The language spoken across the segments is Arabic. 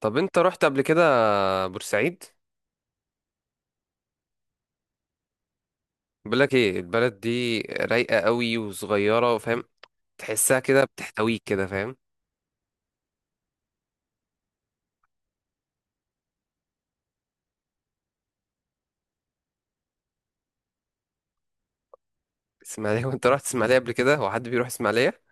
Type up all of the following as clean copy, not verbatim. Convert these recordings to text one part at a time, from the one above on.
طب انت رحت قبل كده بورسعيد؟ بقولك ايه، البلد دي رايقة قوي وصغيرة، فاهم؟ تحسها كده بتحتويك كده، فاهم؟ اسماعيلية وانت رحت اسماعيلية قبل كده؟ هو حد بيروح اسماعيلية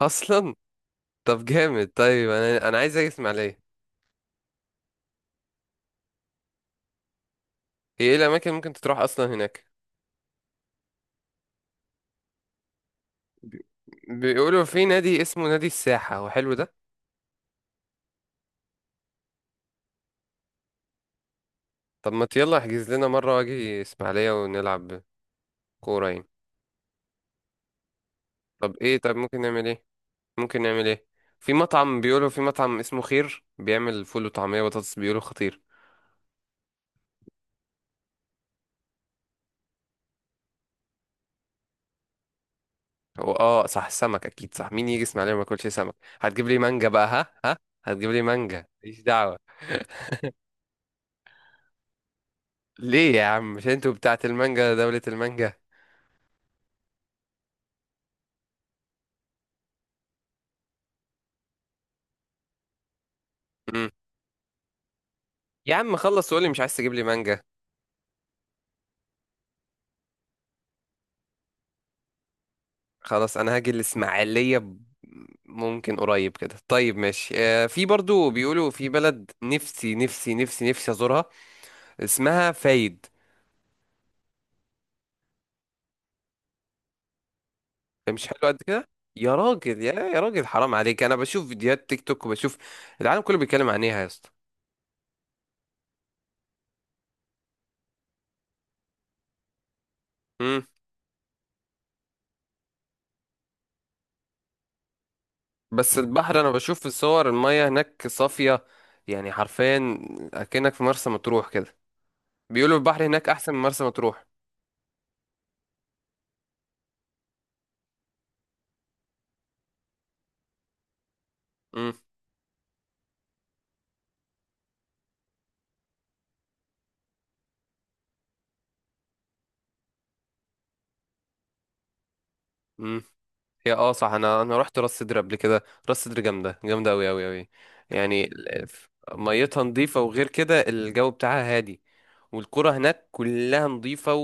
اصلا؟ طب جامد. طيب انا عايز اجي اسماعيلية. هي ايه الاماكن اللي ممكن تروح اصلا هناك؟ بي- بيقولوا في نادي اسمه نادي الساحة، هو حلو ده؟ طب ما يلا احجز لنا مرة واجي اسماعيلية ونلعب كورة يعني. طب ايه؟ طب ممكن نعمل ايه؟ ممكن نعمل ايه؟ في مطعم، بيقولوا في مطعم اسمه خير، بيعمل فول وطعمية وبطاطس، بيقولوا خطير. هو اه صح، سمك اكيد، صح، مين يجي اسماعيلية وما ياكلش سمك؟ هتجيب لي مانجا بقى، ها ها؟ هتجيب لي مانجا، ماليش دعوة. ليه يا عم، مش انتوا بتاعت المانجا، دولة المانجا؟ مم. يا عم خلص وقولي مش عايز تجيب لي مانجا. خلاص انا هاجي الاسماعيلية ممكن قريب كده. طيب ماشي. في برضو بيقولوا في بلد نفسي نفسي نفسي نفسي ازورها، اسمها فايد. مش حلو قد كده؟ يا راجل، يا راجل، حرام عليك، انا بشوف فيديوهات تيك توك وبشوف العالم كله بيتكلم عن ايه، يا اسطى؟ امم. بس البحر، انا بشوف في الصور المية هناك صافية، يعني حرفيا اكنك في مرسى مطروح كده. بيقولوا البحر هناك احسن من مرسى مطروح. امم. امم. هي اه صح، انا رحت راس سدر قبل كده. راس سدر جامدة جامدة اوي اوي اوي، يعني ميتها نظيفة، وغير كده الجو بتاعها هادي. والقرى هناك كلها نظيفة،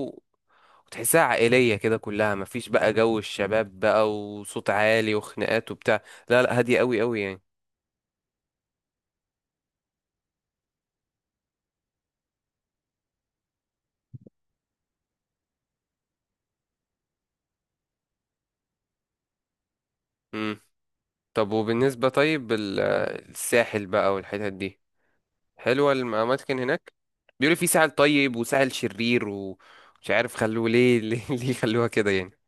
وتحسها عائلية كده كلها، مفيش بقى جو الشباب بقى وصوت عالي وخناقات وبتاع. لا لا، هادية قوي قوي يعني. امم. طب وبالنسبة، طيب الساحل بقى والحتت دي، حلوة الأماكن هناك؟ بيقولوا في ساحل طيب وساحل شرير ومش عارف، خلوه ليه؟ ليه خلوها كده يعني؟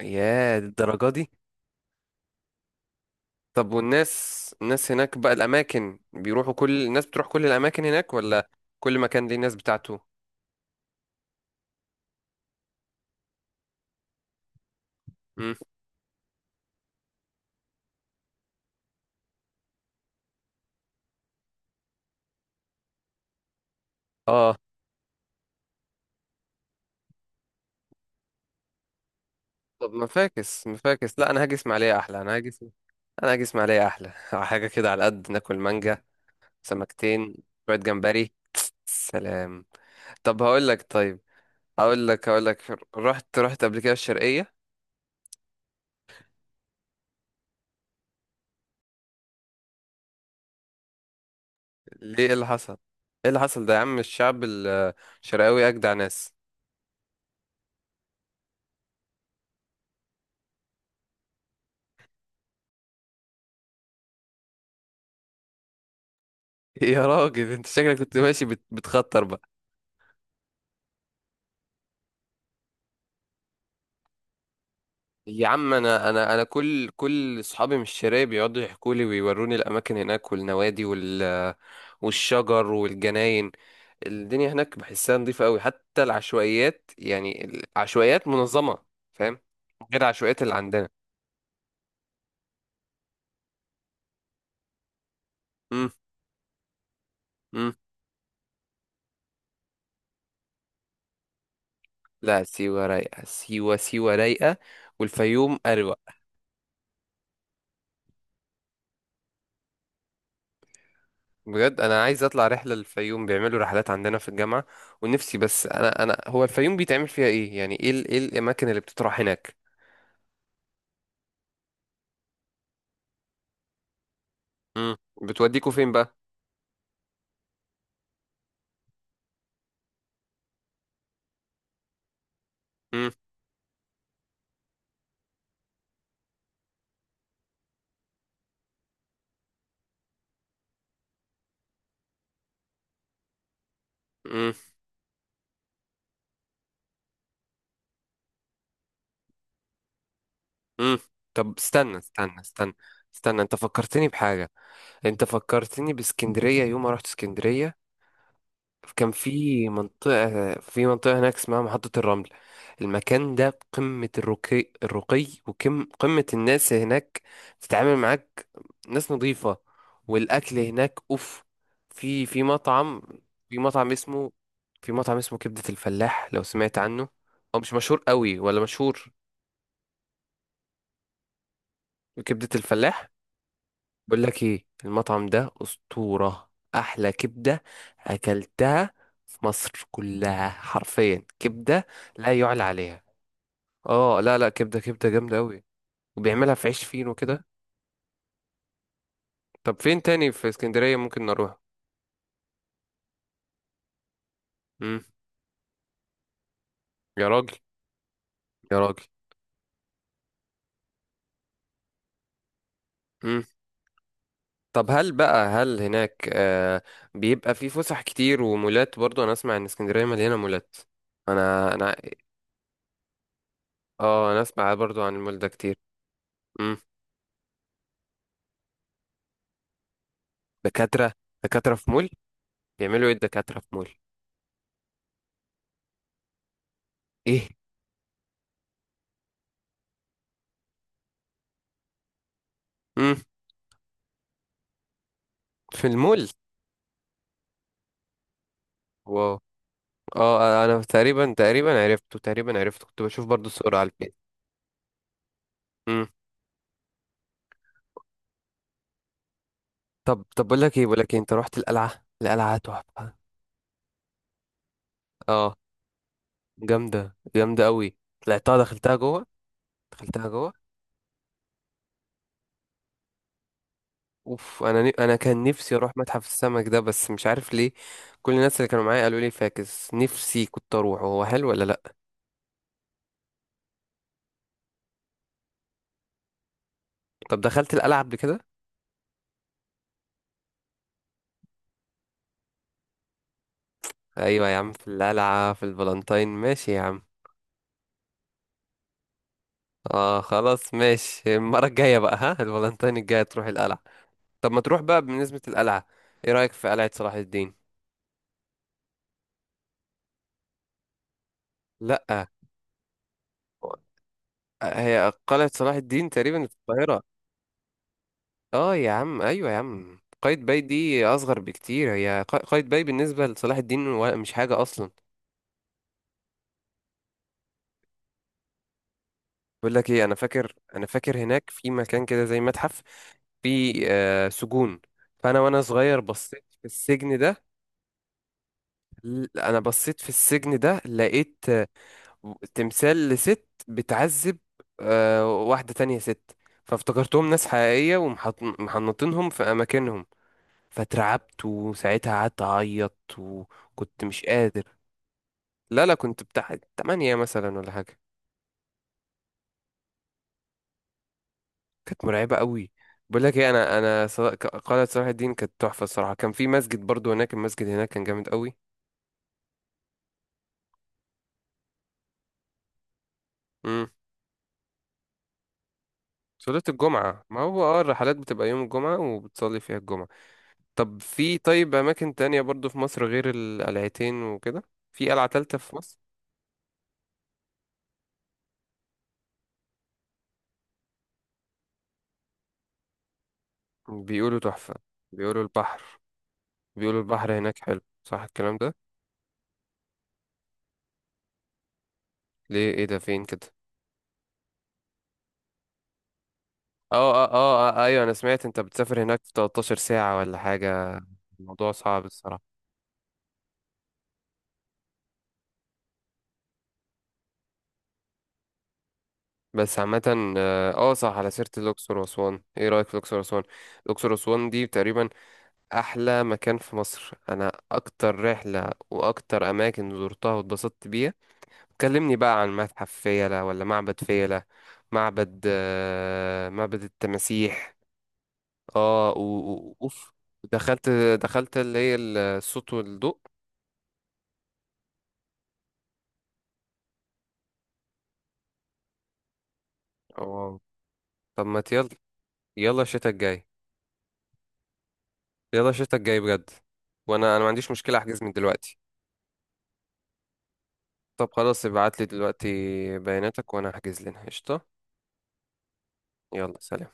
يا، الدرجة دي؟ طب والناس، الناس هناك بقى الأماكن بيروحوا، كل الناس بتروح كل الأماكن هناك، ولا كل مكان ليه الناس بتاعته؟ مم. اه. طب ما فاكس ما فاكس، لا انا هاجي اسماعيليه احلى، انا هاجي اسماعيليه احلى حاجه كده على قد ناكل مانجا، سمكتين، شويه جمبري. سلام. طب هقول لك، طيب هقول لك. رحت قبل كده الشرقيه؟ ليه؟ ايه اللي حصل؟ ايه اللي حصل ده يا عم؟ الشعب الشرقاوي اجدع ناس. يا راجل انت شكلك كنت ماشي بتخطر. يا عم انا كل اصحابي من الشرايه بيقعدوا يحكوا لي ويوروني الاماكن هناك والنوادي والشجر والجناين. الدنيا هناك بحسها نظيفه قوي، حتى العشوائيات يعني، العشوائيات منظمه، فاهم؟ غير العشوائيات اللي عندنا. امم. امم. لا سيوه رايقه، سيوه سيوه رايقه، والفيوم اروق. بجد انا عايز اطلع رحله للفيوم، بيعملوا رحلات عندنا في الجامعه، ونفسي، بس انا هو الفيوم بيتعمل فيها ايه يعني؟ ايه ايه الاماكن اللي بتطرح هناك؟ امم. بتوديكوا فين بقى؟ امم. امم. امم. طب استنى استنى استنى استنى، انت فكرتني بحاجة، انت فكرتني باسكندرية يوم ما رحت اسكندرية. كان في منطقة هناك اسمها محطة الرمل. المكان ده قمة الرقي الرقي، وقمة قمة الناس هناك تتعامل معاك، ناس نظيفة، والأكل هناك أوف. في مطعم، في مطعم اسمه في مطعم اسمه كبدة الفلاح، لو سمعت عنه؟ هو مش مشهور قوي ولا مشهور؟ كبدة الفلاح. بقول لك ايه، المطعم ده أسطورة، أحلى كبدة أكلتها في مصر كلها حرفيا، كبدة. لا يعلى عليها. اه لا لا، كبدة كبدة جامدة أوي، وبيعملها في عيش فينو كده. طب فين تاني في اسكندرية ممكن نروح؟ امم. يا راجل، يا راجل. امم. طب هل بقى هناك بيبقى في فسح كتير ومولات برضو؟ أنا أسمع إن اسكندرية مليانة مولات. أنا اه، أنا أسمع برضو عن المول ده كتير. دكاترة، دكاترة في مول؟ بيعملوا ايه الدكاترة في مول؟ ايه؟ امم. في المول؟ واو. اه، انا تقريبا عرفته، كنت بشوف برضو الصورة على الفيس. امم. طب، بقول لك إيه، انت رحت القلعة؟ القلعة تحفة. اه، جامدة جامدة قوي، طلعتها دخلتها جوه، دخلتها جوه. اوف، انا كان نفسي اروح متحف السمك ده، بس مش عارف ليه كل الناس اللي كانوا معايا قالوا لي فاكس، نفسي كنت اروح، هو حلو ولا لا؟ طب دخلت القلعة قبل كده؟ ايوه يا عم، في القلعة في الفالنتاين، ماشي يا عم. اه خلاص ماشي، المرة الجاية بقى، ها، الفالنتين الجاية تروح القلعة. طب ما تروح بقى، بالنسبة للقلعة، ايه رأيك في قلعة صلاح الدين؟ لأ، هي قلعة صلاح الدين تقريبا في القاهرة. اه يا عم، ايوه يا عم، قايتباي دي اصغر بكتير، هي قايتباي بالنسبة لصلاح الدين مش حاجة اصلا. بقول لك ايه، انا فاكر هناك في مكان كده زي متحف، في سجون، فانا وانا صغير بصيت في السجن ده. انا بصيت في السجن ده لقيت تمثال لست بتعذب، واحدة تانية ست، فافتكرتهم ناس حقيقية ومحنطينهم في أماكنهم، فاترعبت وساعتها قعدت أعيط وكنت مش قادر. لا لا، كنت بتاع 8 مثلا ولا حاجة، كانت مرعبة قوي. بقول لك ايه، قلعة صلاح الدين كانت تحفة. الصراحة كان في مسجد برضو هناك، المسجد هناك كان جامد قوي. امم. صلاة الجمعة، ما هو اه، الرحلات بتبقى يوم الجمعة وبتصلي فيها الجمعة. طب في، طيب، أماكن تانية برضو في مصر غير القلعتين وكده؟ في قلعة تالتة في مصر؟ بيقولوا تحفة. بيقولوا البحر بيقولوا البحر هناك حلو، صح الكلام ده؟ ليه؟ ايه ده؟ فين كده؟ اه اه اه، ايوه، انا سمعت انت بتسافر هناك في 13 ساعة ولا حاجة؟ الموضوع صعب الصراحة. بس عامة، صح، على سيرة الأقصر وأسوان، ايه رأيك في الأقصر وأسوان؟ الأقصر وأسوان دي تقريبا أحلى مكان في مصر، أنا أكتر رحلة وأكتر أماكن زرتها واتبسطت بيها. كلمني بقى عن متحف فيلة ولا معبد فيلة. معبد، معبد التماسيح. اه، اوف. دخلت، اللي هي الصوت والضوء. اه. طب ما يلا، يلا الشتا الجاي، يلا الشتا الجاي بجد، وانا ما عنديش مشكلة احجز من دلوقتي. طب خلاص، ابعت لي دلوقتي بياناتك وانا احجز لنا قشطة. يلا سلام.